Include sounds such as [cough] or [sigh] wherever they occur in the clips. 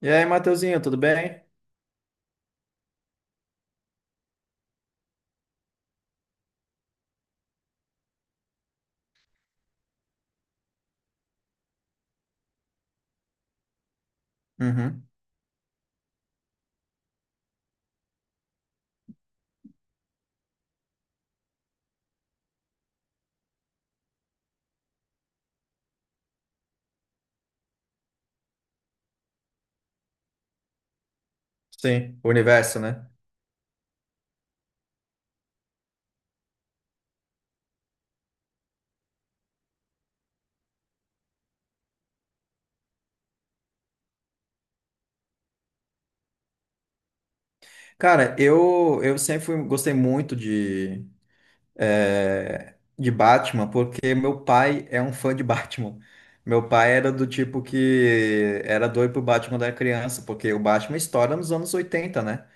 E aí, Mateuzinho, tudo bem? Uhum. Sim, o universo, né? Cara, eu sempre gostei muito de Batman, porque meu pai é um fã de Batman. Meu pai era do tipo que era doido pro Batman da criança, porque o Batman estoura nos anos 80, né?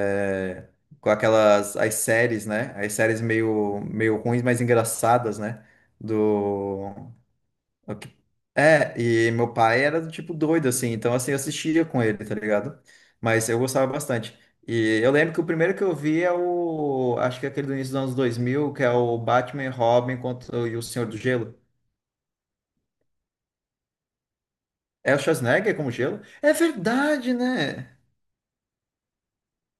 É, com aquelas as séries, né? As séries meio ruins, mas engraçadas, né? Do O que- e meu pai era do tipo doido, assim, então assim, eu assistia com ele, tá ligado? Mas eu gostava bastante. E eu lembro que o primeiro que eu vi é o. acho que é aquele do início dos anos 2000, que é o Batman e Robin contra, e o Senhor do Gelo. É o Schwarzenegger como gelo? É verdade, né?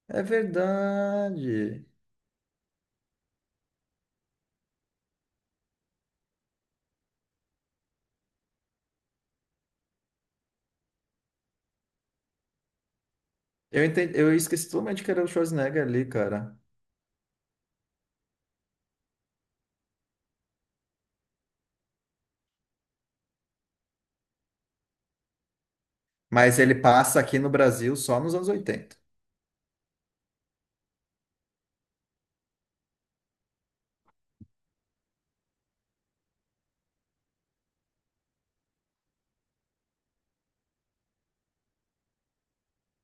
É verdade. Eu entendi, eu esqueci totalmente que era o Schwarzenegger ali, cara. Mas ele passa aqui no Brasil só nos anos 80.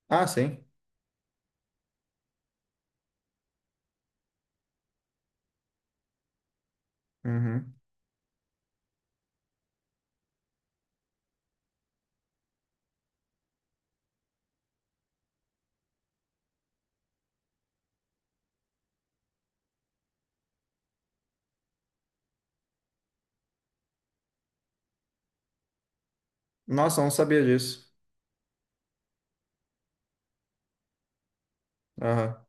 Ah, sim. Uhum. Nossa, eu não sabia disso. Aham.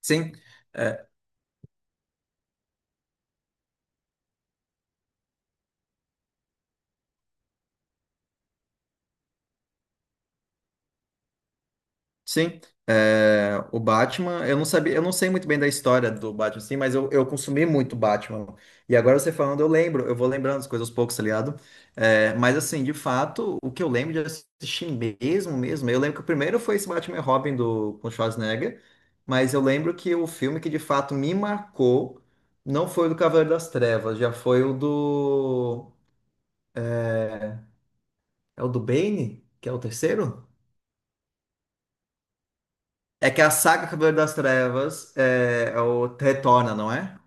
Sim. É. Sim, o Batman, eu não sabia, eu não sei muito bem da história do Batman, sim, mas eu consumi muito Batman. E agora você falando, eu lembro, eu vou lembrando as coisas aos poucos, tá ligado? É, mas assim, de fato, o que eu lembro de assistir mesmo, mesmo, eu lembro que o primeiro foi esse Batman e Robin do com Schwarzenegger, mas eu lembro que o filme que de fato me marcou não foi o do Cavaleiro das Trevas, já foi o do. É o do Bane, que é o terceiro? É que a saga Cavaleiro das Trevas é o Retorna, não é?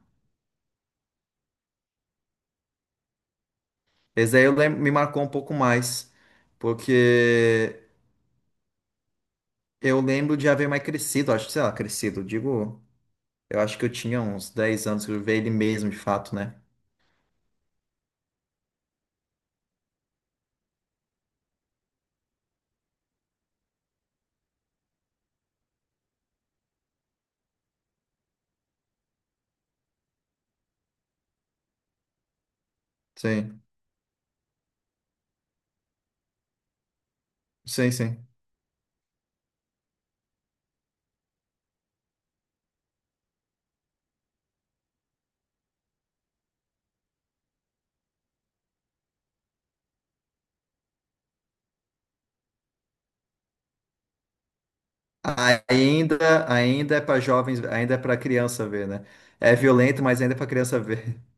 Esse aí me marcou um pouco mais, porque eu lembro de haver mais crescido, acho que, sei lá, crescido, digo, eu acho que eu tinha uns 10 anos que eu vi ele mesmo, de fato, né? Sim, sim, sim. Ainda, ainda é pra jovens, ainda é pra criança ver, né? É violento, mas ainda é pra criança ver. [laughs]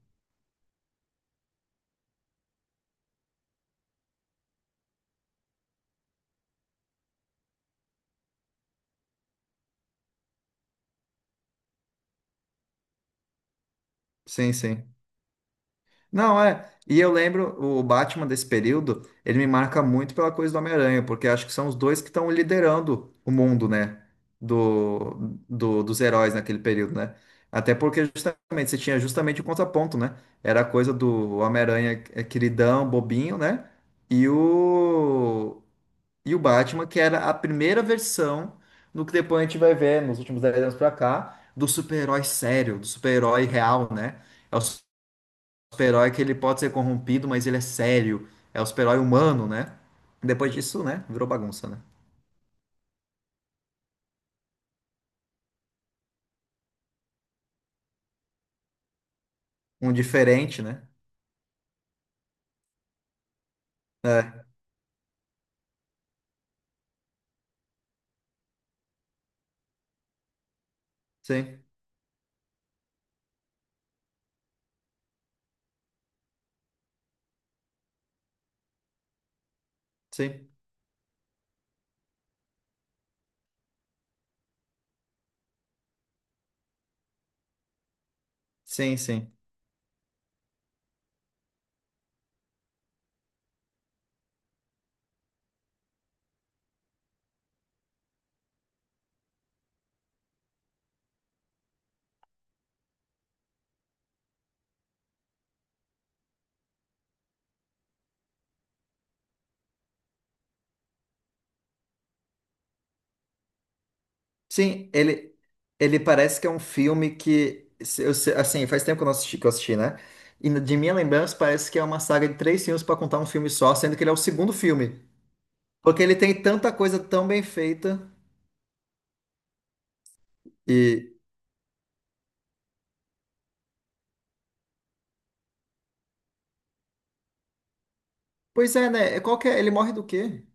Sim, sim. Não, é. E eu lembro, o Batman desse período, ele me marca muito pela coisa do Homem-Aranha, porque acho que são os dois que estão liderando o mundo, né? Do, dos heróis naquele período, né? Até porque justamente você tinha justamente o contraponto, né? Era a coisa do Homem-Aranha é, queridão, bobinho, né? E o, e o Batman, que era a primeira versão do que depois a gente vai ver nos últimos 10 anos pra cá, do super-herói sério, do super-herói real, né? É o super-herói que ele pode ser corrompido, mas ele é sério. É o super-herói humano, né? Depois disso, né? Virou bagunça, né? Um diferente, né? É, sim, sim, sim, sim. Sim, ele parece que é um filme que, se- eu se- assim, faz tempo que eu não assisti, que eu assisti, né? E de minha lembrança, parece que é uma saga de três filmes para contar um filme só, sendo que ele é o segundo filme. Porque ele tem tanta coisa tão bem feita e... Pois é, né? É, qual que é? Ele morre do quê?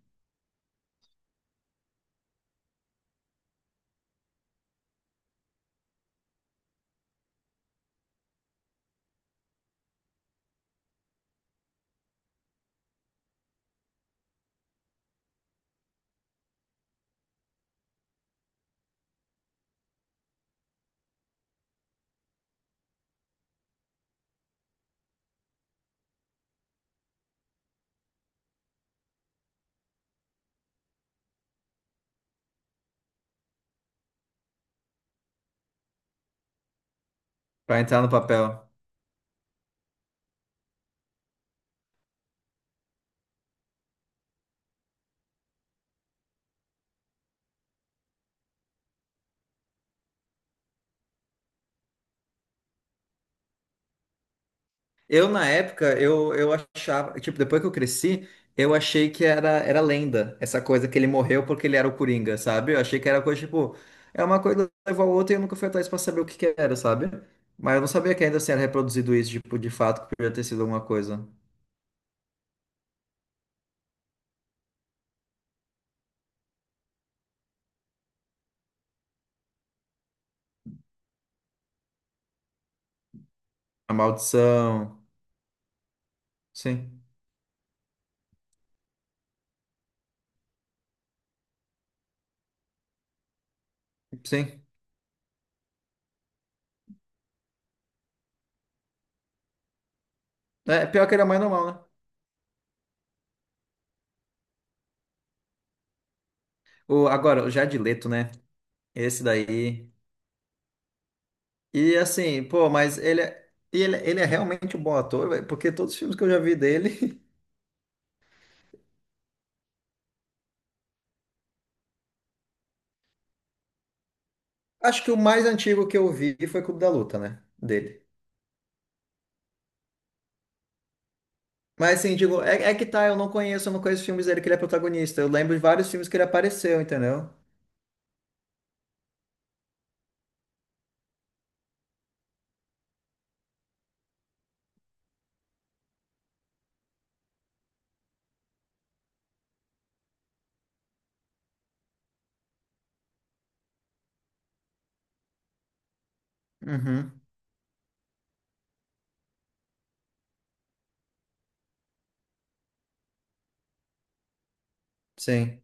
Pra entrar no papel. Eu, na época, eu achava, tipo, depois que eu cresci, eu achei que era lenda, essa coisa que ele morreu porque ele era o Coringa, sabe? Eu achei que era coisa, tipo, é uma coisa levou a outra e eu nunca fui atrás pra saber o que que era, sabe? Mas eu não sabia que ainda assim era reproduzido isso, tipo, de fato, que podia ter sido alguma coisa. A maldição, sim, sim. É, pior que era mais normal, né? O, agora, o Jared Leto, né? Esse daí. E assim, pô, mas ele é, e ele é realmente um bom ator, velho, porque todos os filmes que eu já vi dele. [laughs] Acho que o mais antigo que eu vi foi Clube da Luta, né? Dele. Mas assim, digo, é, é que tá, eu não conheço filmes dele que ele é protagonista. Eu lembro de vários filmes que ele apareceu, entendeu? Uhum. Sim,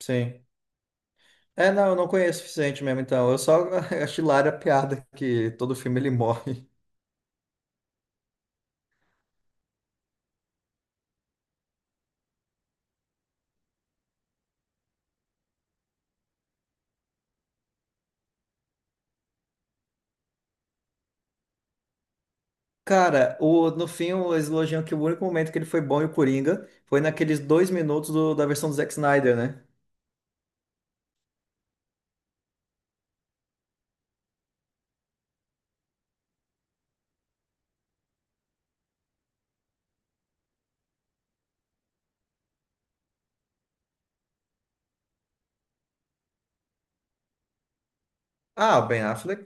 sim. É, não, eu não conheço o suficiente mesmo, então. Eu só [laughs] acho hilária a piada que todo filme ele morre. Cara, o, no fim, eles elogiam que o único momento que ele foi bom e o Coringa foi naqueles 2 minutos da versão do Zack Snyder, né? Ah, o Ben Affleck.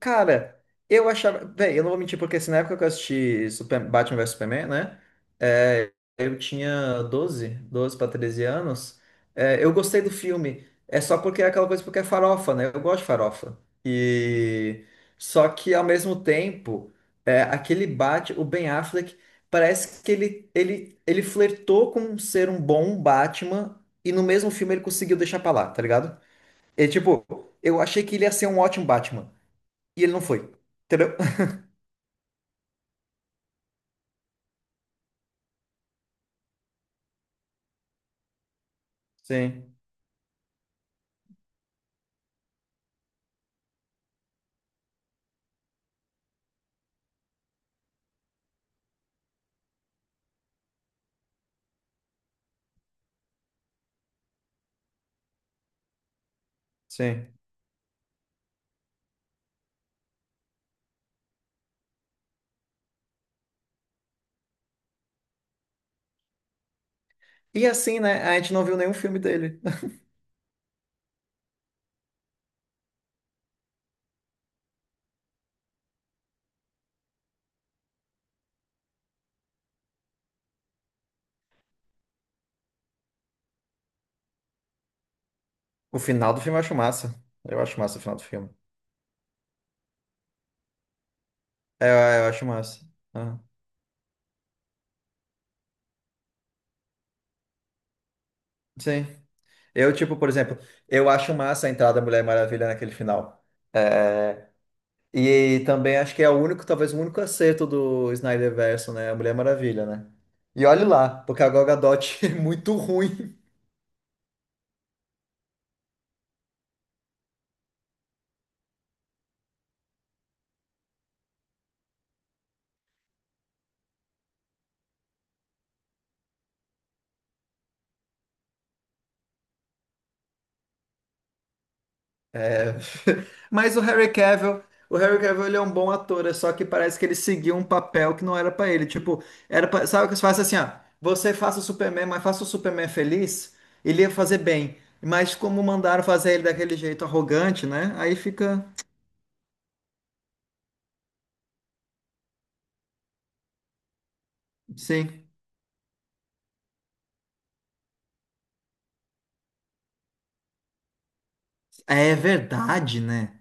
Cara, eu achava. Bem, eu não vou mentir, porque assim, na época que eu assisti Super- Batman vs Superman, né? é, eu tinha 12, 12 para 13 anos. É, eu gostei do filme. É só porque é aquela coisa porque é farofa, né? Eu gosto de farofa. E. Só que ao mesmo tempo, aquele Batman, o Ben Affleck, parece que ele flertou com ser um bom Batman e no mesmo filme ele conseguiu deixar pra lá, tá ligado? E tipo, eu achei que ele ia ser um ótimo Batman. E ele não foi. Entendeu? [laughs] Sim, sim. E assim, né? A gente não viu nenhum filme dele. [laughs] O final do filme eu acho massa. Eu acho massa o final do filme. É, eu acho massa. Ah, sim. Eu, tipo, por exemplo, eu acho massa a entrada da Mulher Maravilha naquele final. É, e também acho que é o único, talvez o único acerto do Snyderverso, né? A Mulher Maravilha, né? E olhe lá, porque a Gal Gadot [laughs] é muito ruim. É. [laughs] Mas o Harry Cavill ele é um bom ator, é só que parece que ele seguiu um papel que não era pra ele. Tipo, era pra... sabe o que se faz assim, ó, você faça o Superman, mas faça o Superman feliz, ele ia fazer bem. Mas como mandaram fazer ele daquele jeito arrogante, né? Aí fica, sim. É verdade, né?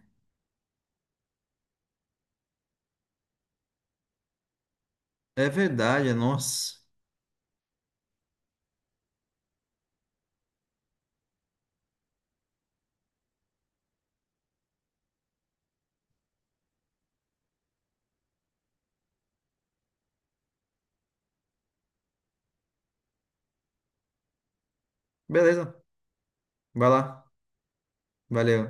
É verdade, nossa. Beleza. Vai lá. Valeu.